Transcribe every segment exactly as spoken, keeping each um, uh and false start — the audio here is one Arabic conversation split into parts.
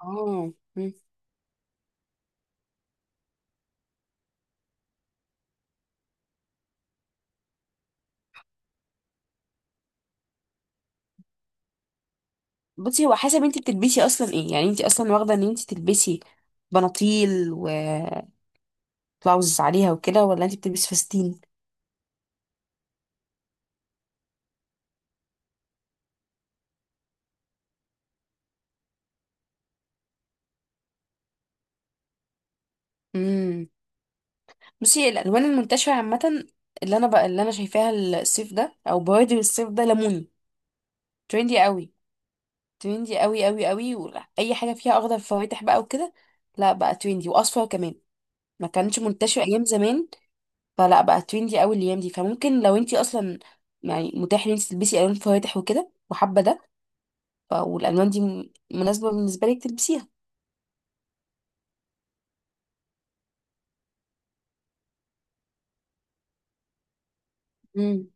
اه، مم. بصي هو حسب انت بتلبسي اصلا ايه. يعني انت اصلا واخده ان انت تلبسي بناطيل وبلاوز عليها وكده، ولا انت بتلبسي فساتين؟ امم بصي الالوان المنتشره عامه، اللي انا بقى اللي انا شايفاها الصيف ده او بوادر الصيف ده ليموني. تريندي قوي. تريندي قوي قوي قوي، واي حاجه فيها اخضر فواتح بقى وكده. لا بقى تريندي، واصفر كمان ما كانش منتشر ايام زمان، فلا بقى تريندي قوي الايام دي. فممكن لو انت اصلا يعني متاح ان انت تلبسي الوان فواتح وكده، وحابه ده، ف- والالوان دي م- مناسبه بالنسبه لك تلبسيها. مم.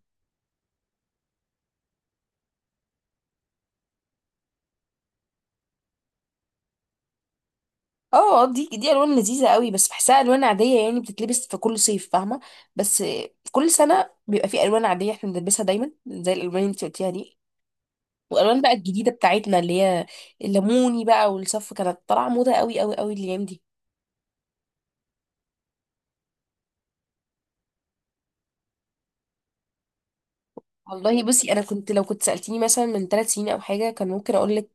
اه، دي دي الوان لذيذه قوي، بس بحسها الوان عاديه، يعني بتتلبس في كل صيف، فاهمه؟ بس كل سنه بيبقى في الوان عاديه احنا بنلبسها دايما زي الالوان اللي انت قلتيها دي. والالوان بقى الجديده بتاعتنا، اللي هي الليموني بقى والصف، كانت طالعه موضه قوي قوي قوي الايام دي. والله بصي، انا كنت لو كنت سالتيني مثلا من ثلاث سنين او حاجه كان ممكن اقول لك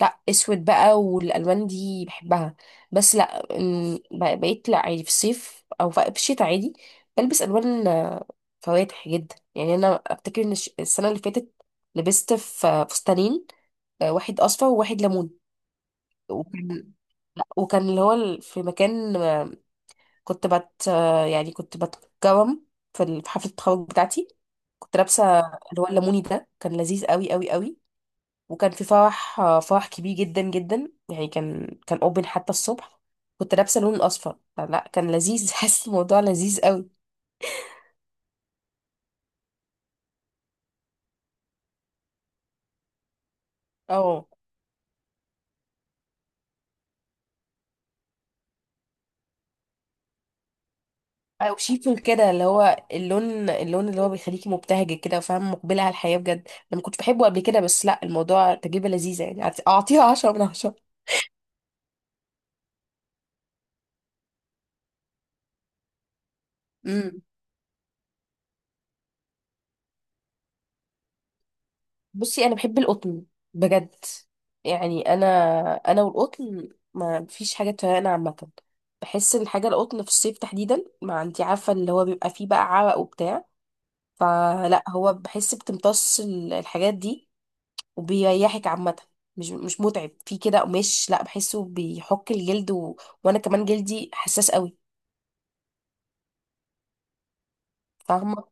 لا، اسود بقى والالوان دي بحبها. بس لا، م، بق- بقيت لا، عادي في الصيف او في في الشتاء عادي بلبس الوان آه، فواتح جدا. يعني انا افتكر ان الش- السنه اللي فاتت لبست في آه، فستانين، آه، واحد اصفر وواحد ليمون. وكان لا، وكان اللي هو ال- في مكان، آه، كنت بت آه، يعني كنت بتكرم في ال- في حفله التخرج بتاعتي. كنت لابسه اللي هو الليموني ده، كان لذيذ قوي قوي قوي. وكان في فرح، آه، فرح كبير جدا جدا. يعني كان كان اوبن حتى الصبح، كنت لابسه اللون الاصفر، فلا كان لذيذ. حاسس الموضوع لذيذ قوي. اه، او شيفون كده، اللي هو اللون اللون اللي هو بيخليكي مبتهجه كده، وفاهم مقبله على الحياه بجد. انا ما كنتش بحبه قبل كده، بس لا، الموضوع تجربه لذيذه، يعني أعت- اعطيها عشرة من عشرة. بصي انا بحب القطن بجد. يعني انا، انا والقطن ما فيش حاجه تفرقنا عامه. بحس ان حاجه القطن في الصيف تحديدا، ما انت عارفه اللي هو بيبقى فيه بقى عرق وبتاع، فلا هو بحس بتمتص ال- الحاجات دي وبيريحك عامه. مش مش متعب في كده قماش لا، بحسه بيحك الجلد و... وانا كمان جلدي حساس قوي. فاهمه؟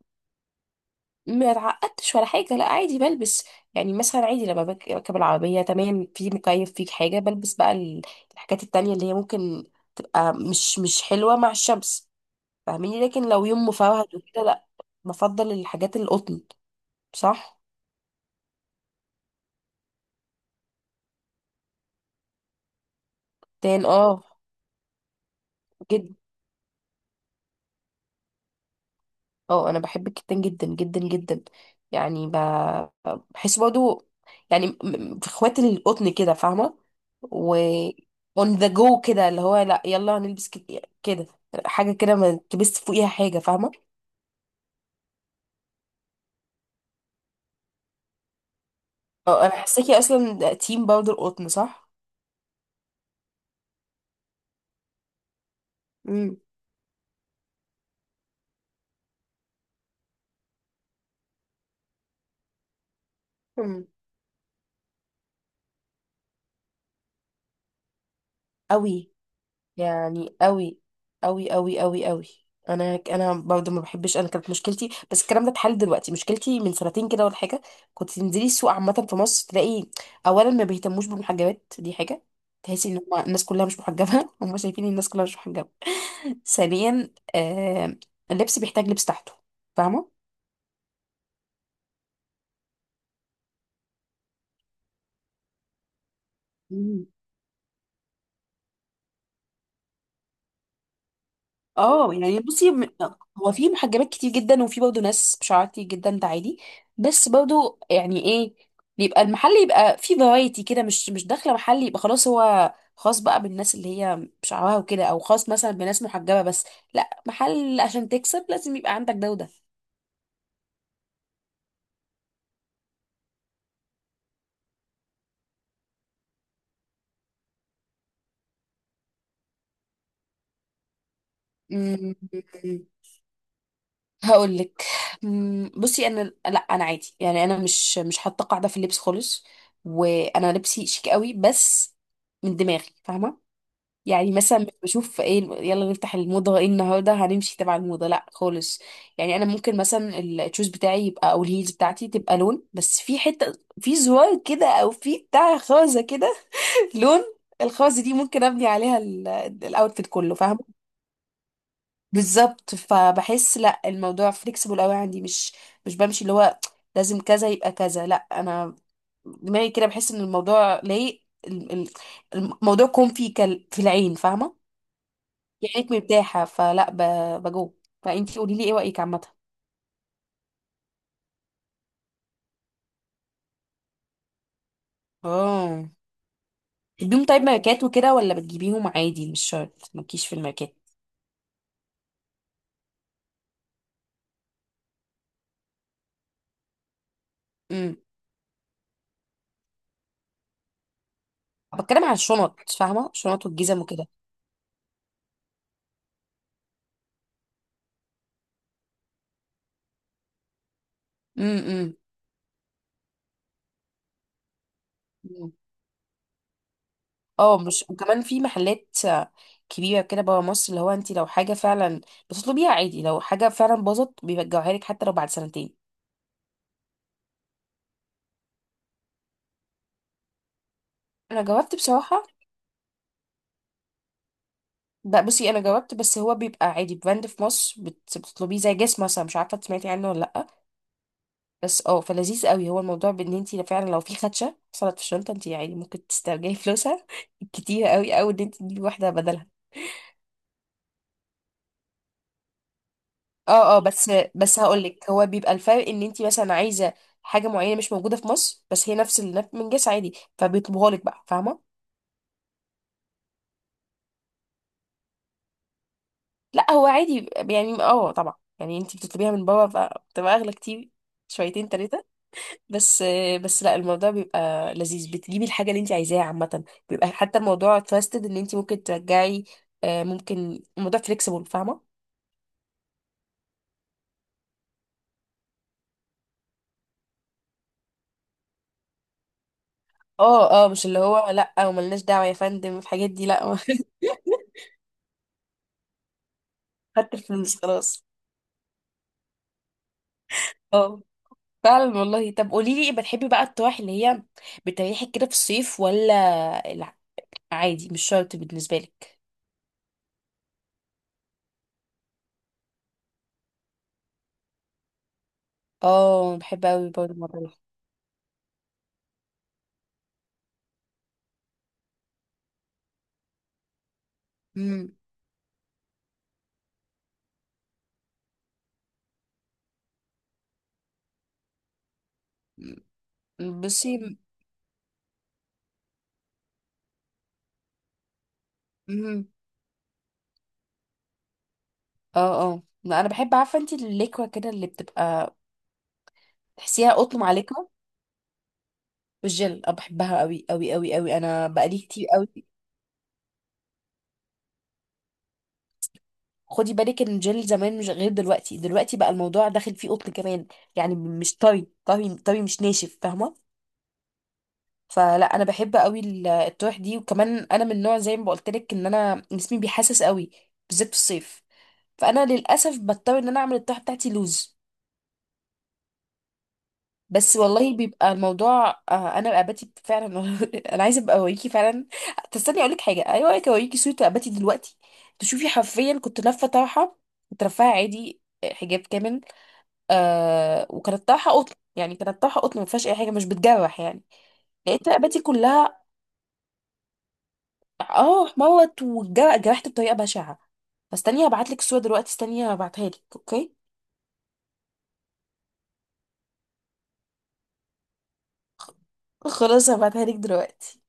ما اتعقدتش ولا حاجة، لا، عادي بلبس. يعني مثلا عادي لما بك- بركب العربية تمام، في مكيف فيك حاجة، بلبس بقى ال- الحاجات التانية اللي هي ممكن تبقى مش مش حلوة مع الشمس، فاهميني؟ لكن لو يوم مفرهد وكده، لا، بفضل الحاجات القطن. صح. تان، اه. جدا. اه، انا بحب الكتان جدا جدا جدا. يعني ب- بحس برضو يعني م- م- في اخوات القطن كده، فاهمه؟ و on the go كده، اللي هو لا يلا هنلبس كت- كده، حاجه كده ما تلبس فوقيها حاجه، فاهمه؟ اه، انا حاساكي اصلا تيم برضو القطن، صح. امم مم. قوي، يعني قوي قوي قوي قوي قوي. انا انا برضه ما بحبش. انا كانت مشكلتي، بس الكلام ده اتحل دلوقتي، مشكلتي من سنتين كده ولا حاجه، كنت تنزلي السوق عامه في مصر تلاقي اولا ما بيهتموش بالمحجبات دي حاجه. تحسي ان هم الناس كلها مش محجبه، هم شايفين الناس كلها مش محجبه. ثانيا، آه اللبس بيحتاج لبس تحته، فاهمه؟ اه، يعني بصي، م- هو في محجبات كتير جدا وفي برضه ناس بشعر كتير جدا، ده عادي. بس برضه يعني ايه، بيبقى المحل يبقى فيه فرايتي كده، مش مش داخله محل يبقى خلاص هو خاص بقى بالناس اللي هي بشعرها وكده، او خاص مثلا بناس محجبه بس. لا، محل عشان تكسب لازم يبقى عندك ده وده. أمم، هقول لك. أمم، بصي انا، لا، انا عادي، يعني انا مش مش حاطه قاعده في اللبس خالص، وانا لبسي شيك قوي بس من دماغي، فاهمه؟ يعني مثلا مش بشوف ايه يلا نفتح الموضة، ايه النهاردة هنمشي تبع الموضة، لا خالص. يعني انا ممكن مثلا التشوز بتاعي يبقى، او الهيلز بتاعتي تبقى لون، بس في حتة، في زرار كده، او في بتاع خازة كده. لون الخازة دي ممكن ابني عليها ال- الاوتفيت كله، فاهمة؟ بالظبط. فبحس لا الموضوع فليكسيبل قوي عندي، مش مش بمشي اللي هو لازم كذا يبقى كذا، لا، انا دماغي كده، بحس ان الموضوع ليه ال- ال- الموضوع كون في كل- في العين، فاهمة؟ يا ريت مرتاحة، فلا ب- بجوب. فانتي قولي لي ايه رأيك عامة. اه. بتجيبيهم طيب ماركات وكده، ولا بتجيبيهم عادي مش شرط، مالكيش في الماركات؟ امم بتكلم على الشنط، فاهمة؟ الشنط والجزم وكده. امم مم. اه، مش، وكمان في محلات كبيرة كده برا مصر، اللي هو انتي لو حاجة فعلا بتطلبيها عادي، لو حاجة فعلا باظت بيرجعوها لك حتى لو بعد سنتين. انا جربت بصراحة. لا بصي، انا جربت، بس هو بيبقى عادي براند في مصر بت- بتطلبيه، زي جسم مثلا، مش عارفة سمعتي عنه ولا لأ. بس اه، فلذيذ قوي هو الموضوع، بان انت فعلا لو في خدشه حصلت في الشنطه، انت يعني ممكن تسترجعي فلوسها كتير قوي، او ان انت تجيبي واحده بدلها. اه، اه، بس بس هقول لك. هو بيبقى الفرق ان انت مثلا عايزه حاجه معينه مش موجوده في مصر، بس هي نفس ال- من جنس عادي، فبيطلبوها لك بقى، فاهمه؟ لا هو عادي يعني، اه، طبعا، يعني انت بتطلبيها من بره فبتبقى اغلى كتير، شويتين تلاتة، بس. بس لا، الموضوع بيبقى لذيذ، بتجيبي الحاجة اللي انت عايزاها عامة، بيبقى حتى الموضوع تراستد، ان انت ممكن ترجعي، آه، ممكن الموضوع فليكسيبل، فاهمة؟ اه، اه، مش اللي هو لا وملناش دعوة يا فندم في الحاجات دي، لا. خدت الفلوس خلاص. اه، فعلا والله. طب قولي لي، بتحبي بقى الطواح اللي هي بتريحك كده في الصيف، ولا لا، عادي مش شرط بالنسبة لك؟ اه، بحب اوي برضه الموضوع ده. مم. بصي، مم. اه اه، لا، انا بحب. عارفه انت الليكوه كده اللي بتبقى تحسيها قطن مع ليكوه والجل؟ انا بحبها قوي قوي قوي قوي، انا بقالي كتير قوي. خدي بالك ان الجل زمان مش غير دلوقتي. دلوقتي بقى الموضوع داخل فيه قطن كمان، يعني مش طري طري طري، مش ناشف، فاهمه؟ فلا انا بحب قوي ال- الطرح دي. وكمان انا من نوع، زي ما بقولت لك، ان انا جسمي بيحسس قوي بالذات في الصيف، فانا للاسف بضطر ان انا اعمل الطرح بتاعتي لوز. بس والله بيبقى الموضوع، آه، انا اباتي فعلا. انا عايزه ابقى اوريكي فعلا. تستني اقول لك حاجه؟ ايوه، اوريكي اوريكي صوره اباتي دلوقتي، تشوفي حرفيا. كنت لافه طرحه، كنت رافعه عادي، آه، حجاب كامل. آه، وكانت طرحه قطن، يعني كانت طرحه قطن ما فيهاش اي حاجه مش بتجرح يعني. لقيت رقبتي كلها اه، احمرت وجرحت بطريقه بشعه. فاستني هبعت لك الصوره دلوقتي، استني هبعتها لك. اوكي، خلاص هبعتها لك دلوقتي.